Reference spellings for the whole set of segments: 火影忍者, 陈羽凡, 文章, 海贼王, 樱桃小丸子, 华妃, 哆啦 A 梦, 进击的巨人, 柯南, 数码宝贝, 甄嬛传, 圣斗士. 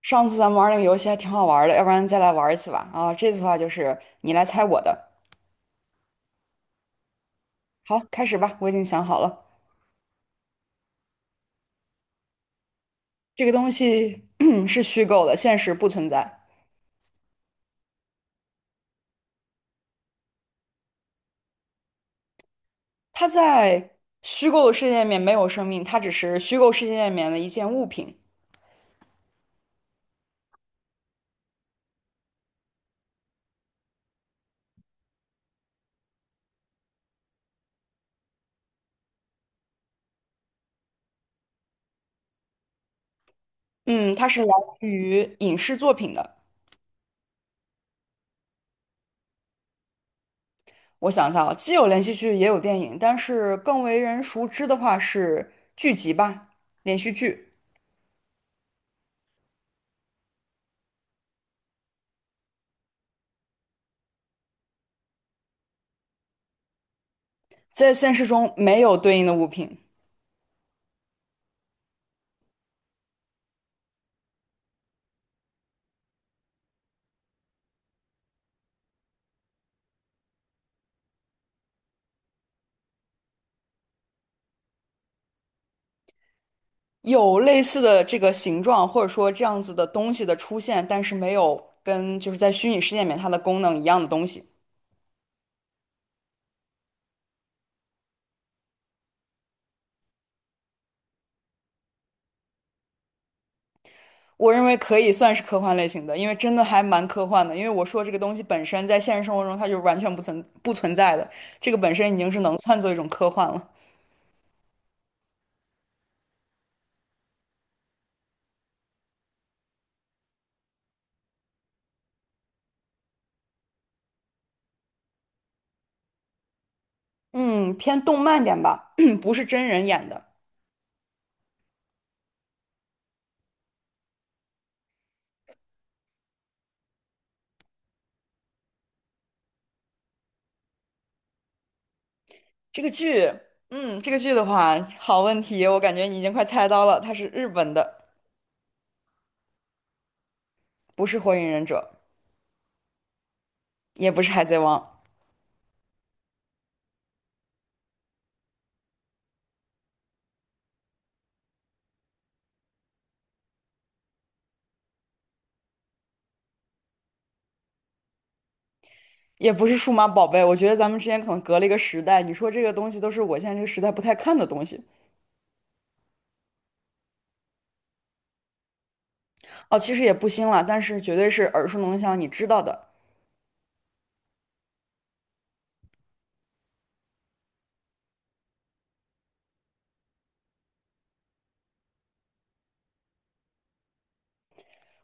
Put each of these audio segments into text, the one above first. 上次咱们玩那个游戏还挺好玩的，要不然再来玩一次吧。啊，这次的话就是你来猜我的。好，开始吧，我已经想好了，这个东西 是虚构的，现实不存在。它在虚构的世界里面没有生命，它只是虚构世界里面的一件物品。嗯，它是来源于影视作品的。我想一下啊，既有连续剧，也有电影，但是更为人熟知的话是剧集吧，连续剧。在现实中没有对应的物品。有类似的这个形状，或者说这样子的东西的出现，但是没有跟就是在虚拟世界里面它的功能一样的东西，我认为可以算是科幻类型的。因为真的还蛮科幻的。因为我说这个东西本身在现实生活中它就完全不存在的，这个本身已经是能算作一种科幻了。嗯，偏动漫点吧，不是真人演的。这个剧，嗯，这个剧的话，好问题，我感觉你已经快猜到了，它是日本的，不是《火影忍者》，也不是《海贼王》。也不是数码宝贝，我觉得咱们之间可能隔了一个时代。你说这个东西都是我现在这个时代不太看的东西，哦，其实也不新了，但是绝对是耳熟能详，你知道的。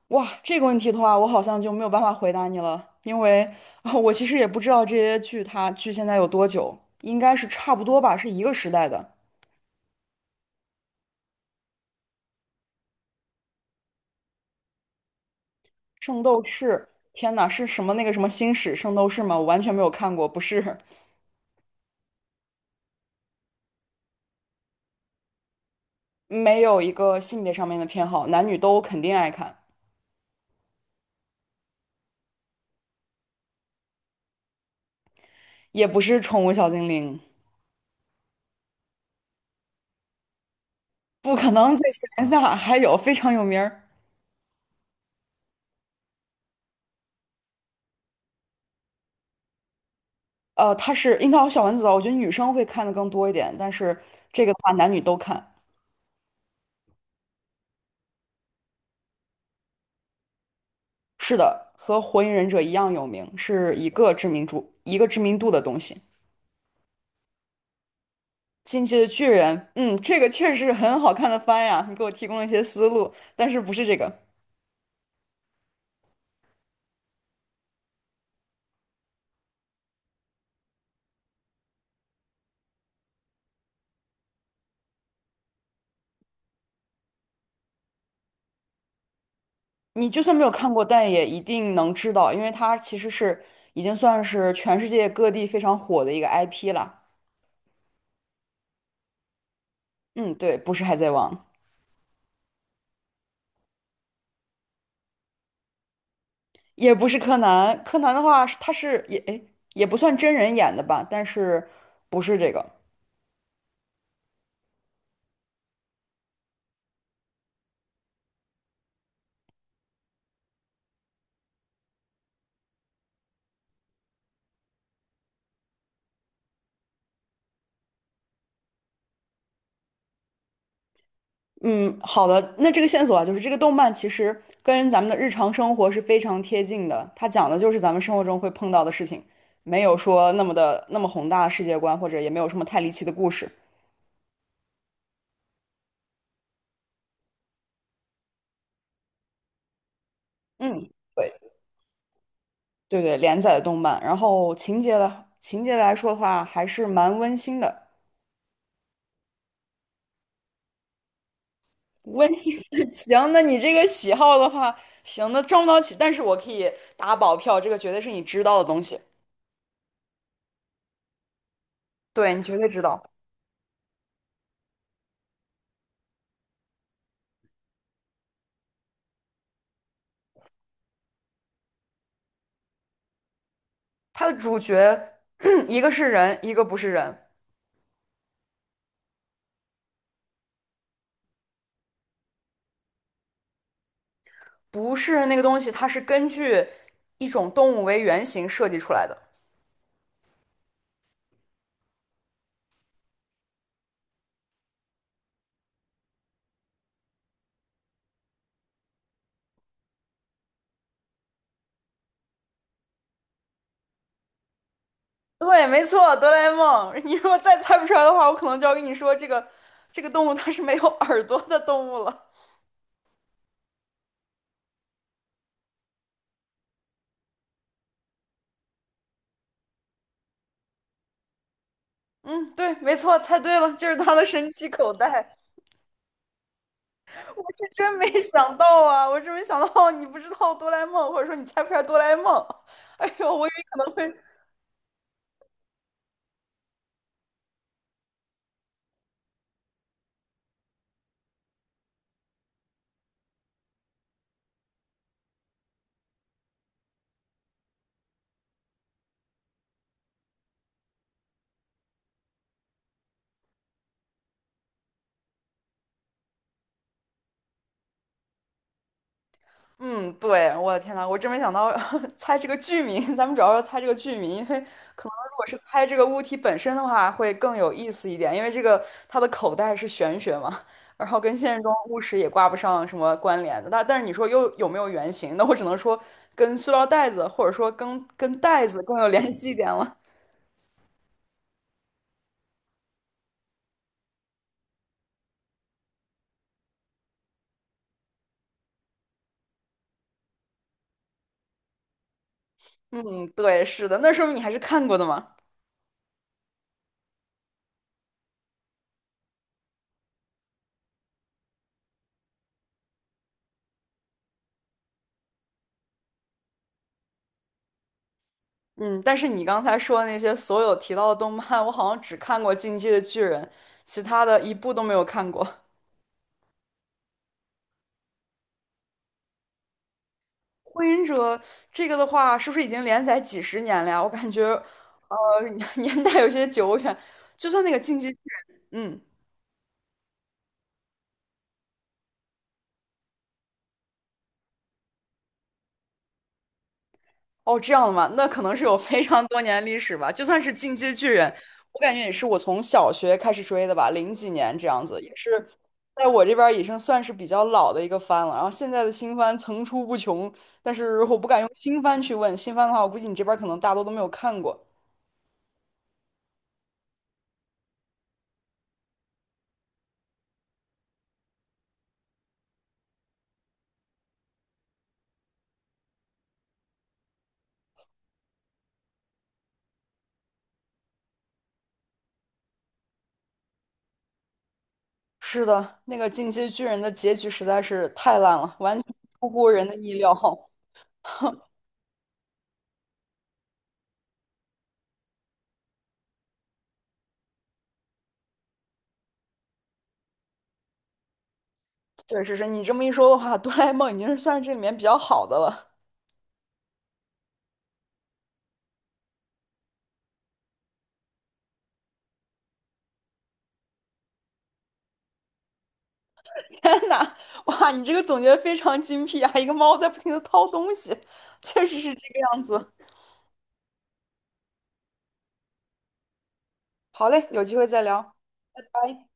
哇，这个问题的话，我好像就没有办法回答你了，因为啊，我其实也不知道这些剧它距现在有多久，应该是差不多吧，是一个时代的《圣斗士》。天呐，是什么那个什么星矢圣斗士吗？我完全没有看过，不是，没有一个性别上面的偏好，男女都肯定爱看，也不是宠物小精灵。不可能在闲暇还有非常有名儿，它是樱桃小丸子的，我觉得女生会看的更多一点，但是这个的话男女都看。是的，和火影忍者一样有名，是一个知名度的东西。进击的巨人，嗯，这个确实是很好看的番呀，你给我提供了一些思路，但是不是这个，你就算没有看过，但也一定能知道，因为它其实是已经算是全世界各地非常火的一个 IP 了。嗯，对，不是海贼王。也不是柯南，柯南的话是，他是也诶也不算真人演的吧，但是不是这个。嗯，好的，那这个线索啊，就是这个动漫其实跟咱们的日常生活是非常贴近的，它讲的就是咱们生活中会碰到的事情，没有说那么的那么宏大的世界观，或者也没有什么太离奇的故事。嗯，对对对，连载的动漫，然后情节来说的话还是蛮温馨的。温馨的 行，那你这个喜好的话，行，那挣不到起，但是我可以打保票，这个绝对是你知道的东西，对，你绝对知道。它的主角 一个是人，一个不是人，不是人那个东西，它是根据一种动物为原型设计出来的。对，没错，哆啦 A 梦。你如果再猜不出来的话，我可能就要跟你说，这个这个动物它是没有耳朵的动物了。嗯，对，没错，猜对了，就是它的神奇口袋。我是真没想到啊！我真没想到 你不知道哆啦 A 梦，或者说你猜不出来哆啦 A 梦。哎呦，我以为可能会……嗯，对，我的天呐，我真没想到 猜这个剧名。咱们主要是猜这个剧名，因为可能如果是猜这个物体本身的话，会更有意思一点。因为这个它的口袋是玄学嘛，然后跟现实中物实也挂不上什么关联的。但是你说又有没有原型？那我只能说跟塑料袋子，或者说跟袋子更有联系一点了。嗯，对，是的，那说明你还是看过的嘛。嗯，但是你刚才说的那些所有提到的动漫，我好像只看过《进击的巨人》，其他的一部都没有看过。《火影者》这个的话，是不是已经连载几十年了呀？我感觉，年代有些久远。就算那个《进击的巨人》，嗯。哦，这样的吗？那可能是有非常多年历史吧。就算是《进击的巨人》，我感觉也是我从小学开始追的吧，零几年这样子，也是在我这边儿已经算是比较老的一个番了。然后现在的新番层出不穷，但是我不敢用新番去问，新番的话，我估计你这边儿可能大多都没有看过。是的，那个《进击的巨人》的结局实在是太烂了，完全出乎人的意料。确实是你这么一说的话，哆啦 A 梦已经是算是这里面比较好的了。天呐，哇，你这个总结的非常精辟啊！一个猫在不停的掏东西，确实是这个样子。好嘞，有机会再聊，拜拜。